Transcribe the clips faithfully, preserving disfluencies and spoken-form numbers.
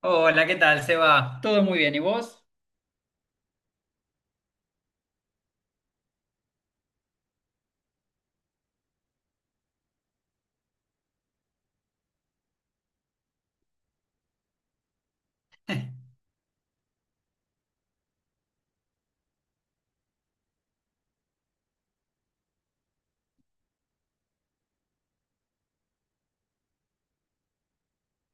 Hola, ¿qué tal, Seba? Todo muy bien, ¿y vos?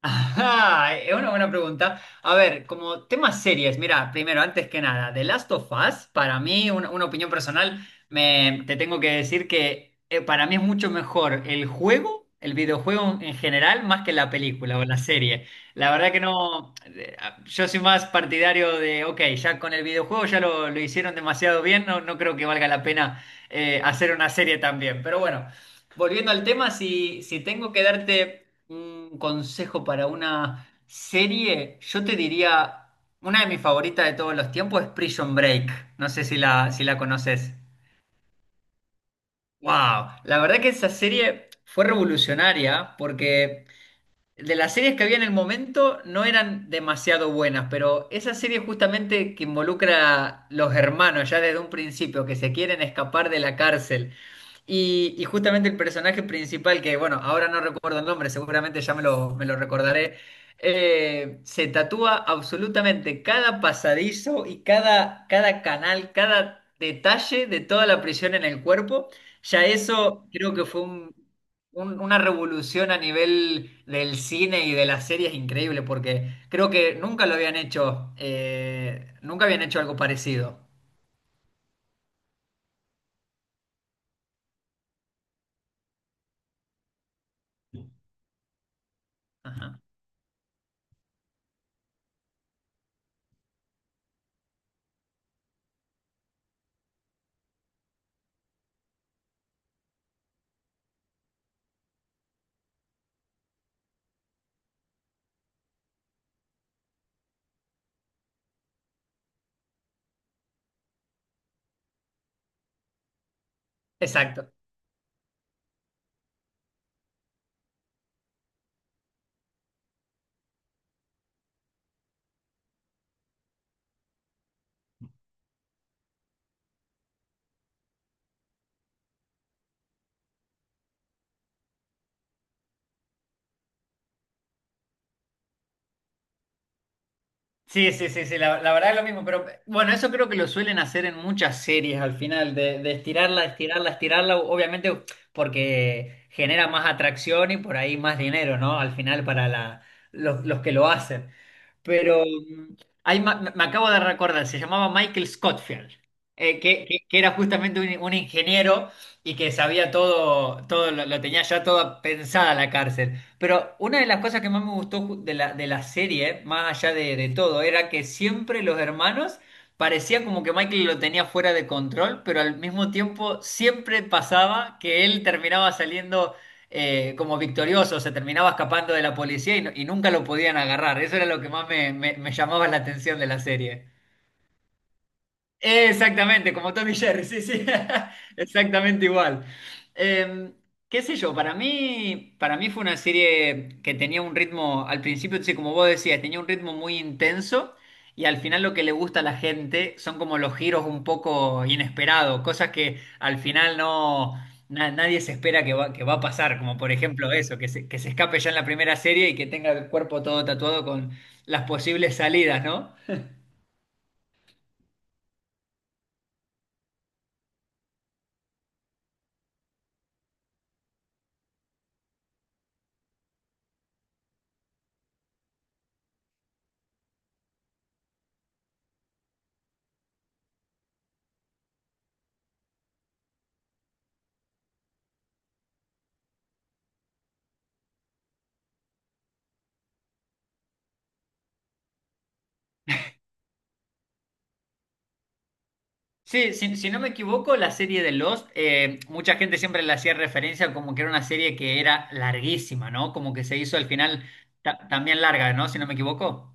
Ajá, es una buena pregunta. A ver, como temas series, mira, primero, antes que nada, The Last of Us, para mí, una, una opinión personal, me, te tengo que decir que eh, para mí es mucho mejor el juego, el videojuego en general, más que la película o la serie. La verdad que no, eh, yo soy más partidario de, ok, ya con el videojuego ya lo, lo hicieron demasiado bien, no, no creo que valga la pena eh, hacer una serie también. Pero bueno, volviendo al tema, si, si tengo que darte un consejo para una serie, yo te diría, una de mis favoritas de todos los tiempos es Prison Break. No sé si la, si la conoces. ¡Wow! La verdad que esa serie fue revolucionaria porque de las series que había en el momento no eran demasiado buenas, pero esa serie justamente que involucra a los hermanos ya desde un principio, que se quieren escapar de la cárcel y, y justamente el personaje principal, que bueno, ahora no recuerdo el nombre, seguramente ya me lo, me lo recordaré, eh, se tatúa absolutamente cada pasadizo y cada, cada canal, cada detalle de toda la prisión en el cuerpo. Ya eso creo que fue un, un- una revolución a nivel del cine y de las series increíble, porque creo que nunca lo habían hecho, eh, nunca habían hecho algo parecido. Ajá. Exacto. Sí, sí, sí, sí, la, la verdad es lo mismo, pero bueno, eso creo que lo suelen hacer en muchas series al final, de, de estirarla, estirarla, estirarla, obviamente porque genera más atracción y por ahí más dinero, ¿no? Al final para la, los, los que lo hacen. Pero mm, hay ma- me me acabo de recordar, se llamaba Michael Scottfield, eh, que, que- que era justamente un, un ingeniero y que sabía todo, todo lo, lo tenía ya toda pensada la cárcel. Pero una de las cosas que más me gustó ju- de la, de la serie, más allá de, de todo, era que siempre los hermanos parecía como que Michael lo tenía fuera de control, pero al mismo tiempo siempre pasaba que él terminaba saliendo eh, como victorioso, se terminaba escapando de la policía y, no- y nunca lo podían agarrar. Eso era lo que más me, me me llamaba la atención de la serie. Exactamente, como Tommy Jerry, sí, sí, exactamente igual. Eh, qué sé yo, para mí, para mí fue una serie que tenía un ritmo, al principio, sí, como vos decías, tenía un ritmo muy intenso y al final lo que le gusta a la gente son como los giros un poco inesperados, cosas que al final no, na- nadie se espera que va, que va a pasar, como por ejemplo eso, que se, que se escape ya en la primera serie y que tenga el cuerpo todo tatuado con las posibles salidas, ¿no? Sí, si, si no me equivoco, la serie de Lost, eh, mucha gente siempre le hacía referencia como que era una serie que era larguísima, ¿no? Como que se hizo al final ta- también larga, ¿no? Si no me equivoco.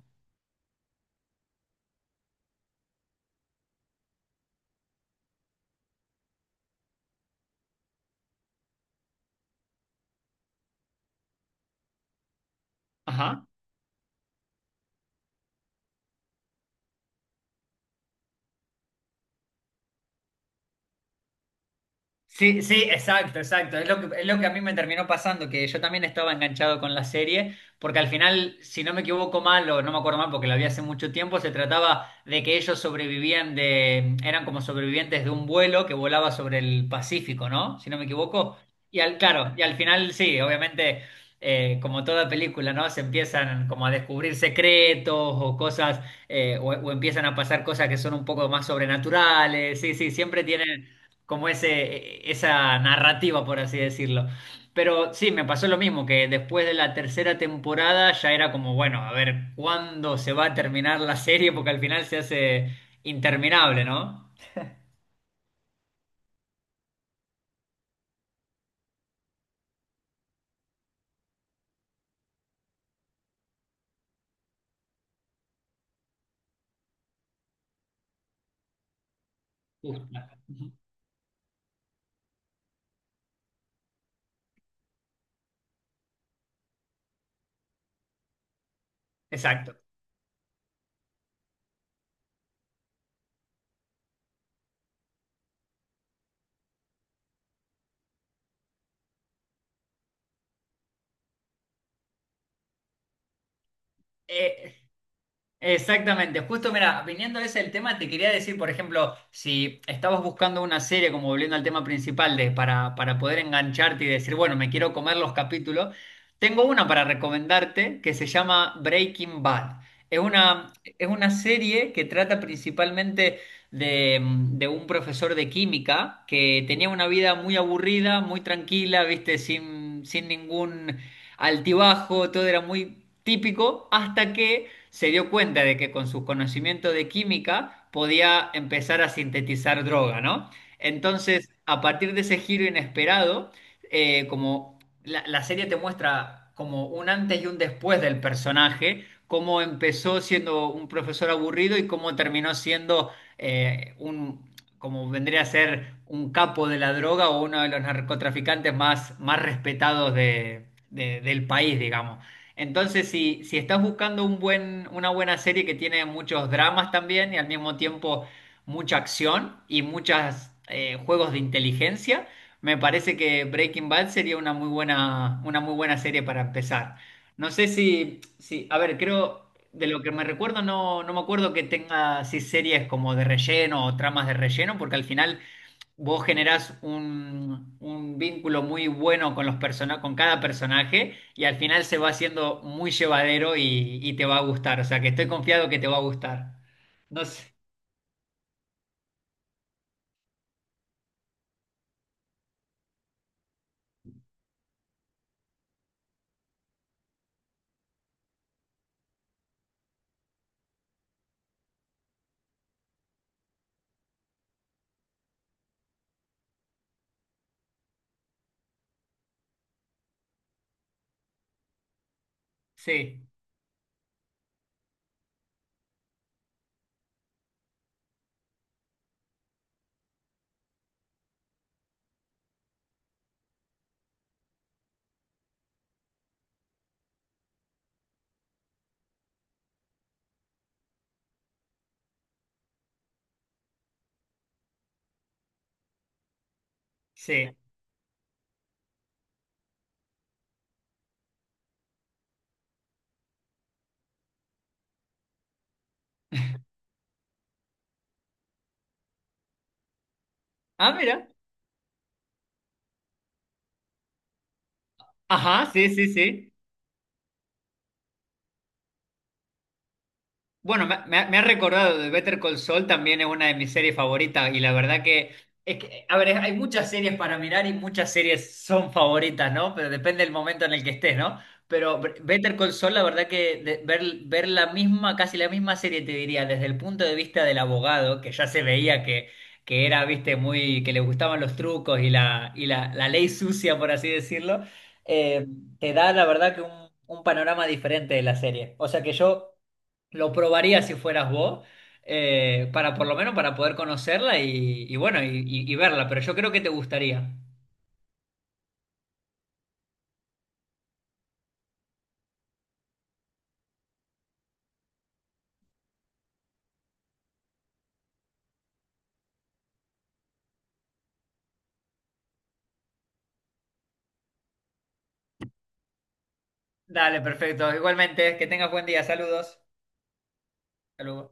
Ajá. Sí, sí, exacto, exacto. Es lo que, es lo que a mí me terminó pasando, que yo también estaba enganchado con la serie, porque al final, si no me equivoco mal, o no me acuerdo mal porque la vi hace mucho tiempo, se trataba de que ellos sobrevivían de, eran como sobrevivientes de un vuelo que volaba sobre el Pacífico, ¿no? Si no me equivoco. Y al, claro, y al final sí, obviamente, eh, como toda película, ¿no? Se empiezan como a descubrir secretos o cosas, eh, o o empiezan a pasar cosas que son un poco más sobrenaturales. Sí, sí, siempre tienen como ese, esa narrativa, por así decirlo. Pero sí, me pasó lo mismo, que después de la tercera temporada ya era como, bueno, a ver cuándo se va a terminar la serie, porque al final se hace interminable, ¿no? Justa. Exacto. Eh, exactamente, justo mira, viniendo a ese el tema, te quería decir, por ejemplo, si estabas buscando una serie, como volviendo al tema principal, de, para, para poder engancharte y decir, bueno, me quiero comer los capítulos, tengo una para recomendarte que se llama Breaking Bad. Es una, es una serie que trata principalmente de, de un profesor de química que tenía una vida muy aburrida, muy tranquila, viste, sin, sin ningún altibajo, todo era muy típico, hasta que se dio cuenta de que con sus conocimientos de química podía empezar a sintetizar droga, ¿no? Entonces, a partir de ese giro inesperado, eh, como la, la serie te muestra como un antes y un después del personaje, cómo empezó siendo un profesor aburrido y cómo terminó siendo eh, un, como vendría a ser un capo de la droga o uno de los narcotraficantes más, más respetados de- de- del país, digamos. Entonces, si, si estás buscando un buen, una buena serie que tiene muchos dramas también y al mismo tiempo mucha acción y muchos juegos de inteligencia, me parece que Breaking Bad sería una muy buena, una muy buena serie para empezar. No sé si, si, a ver, creo, de lo que me recuerdo, no, no me acuerdo que tenga así series como de relleno o tramas de relleno, porque al final vos generás un, un vínculo muy bueno con los persona- con cada personaje y al final se va haciendo muy llevadero y, y te va a gustar. O sea que estoy confiado que te va a gustar. No sé. Sí, sí. Ah, mira. Ajá, sí, sí, sí. Bueno, me, me ha me ha recordado de Better Call Saul, también es una de mis series favoritas y la verdad que, es que, a ver, hay muchas series para mirar y muchas series son favoritas, ¿no? Pero depende del momento en el que estés, ¿no? Pero Br- Better Call Saul, la verdad que de- ver, ver la misma, casi la misma serie, te diría, desde el punto de vista del abogado, que ya se veía que, que era, viste, muy, que le gustaban los trucos y la, y la, la ley sucia, por así decirlo, eh, te da, la verdad que un un panorama diferente de la serie. O sea que yo... Lo probaría si fueras vos, eh, para por lo menos para poder conocerla y, y bueno, y, y- y verla, pero yo creo que te gustaría. Dale, perfecto. Igualmente, que tengas buen día. Saludos. Saludos.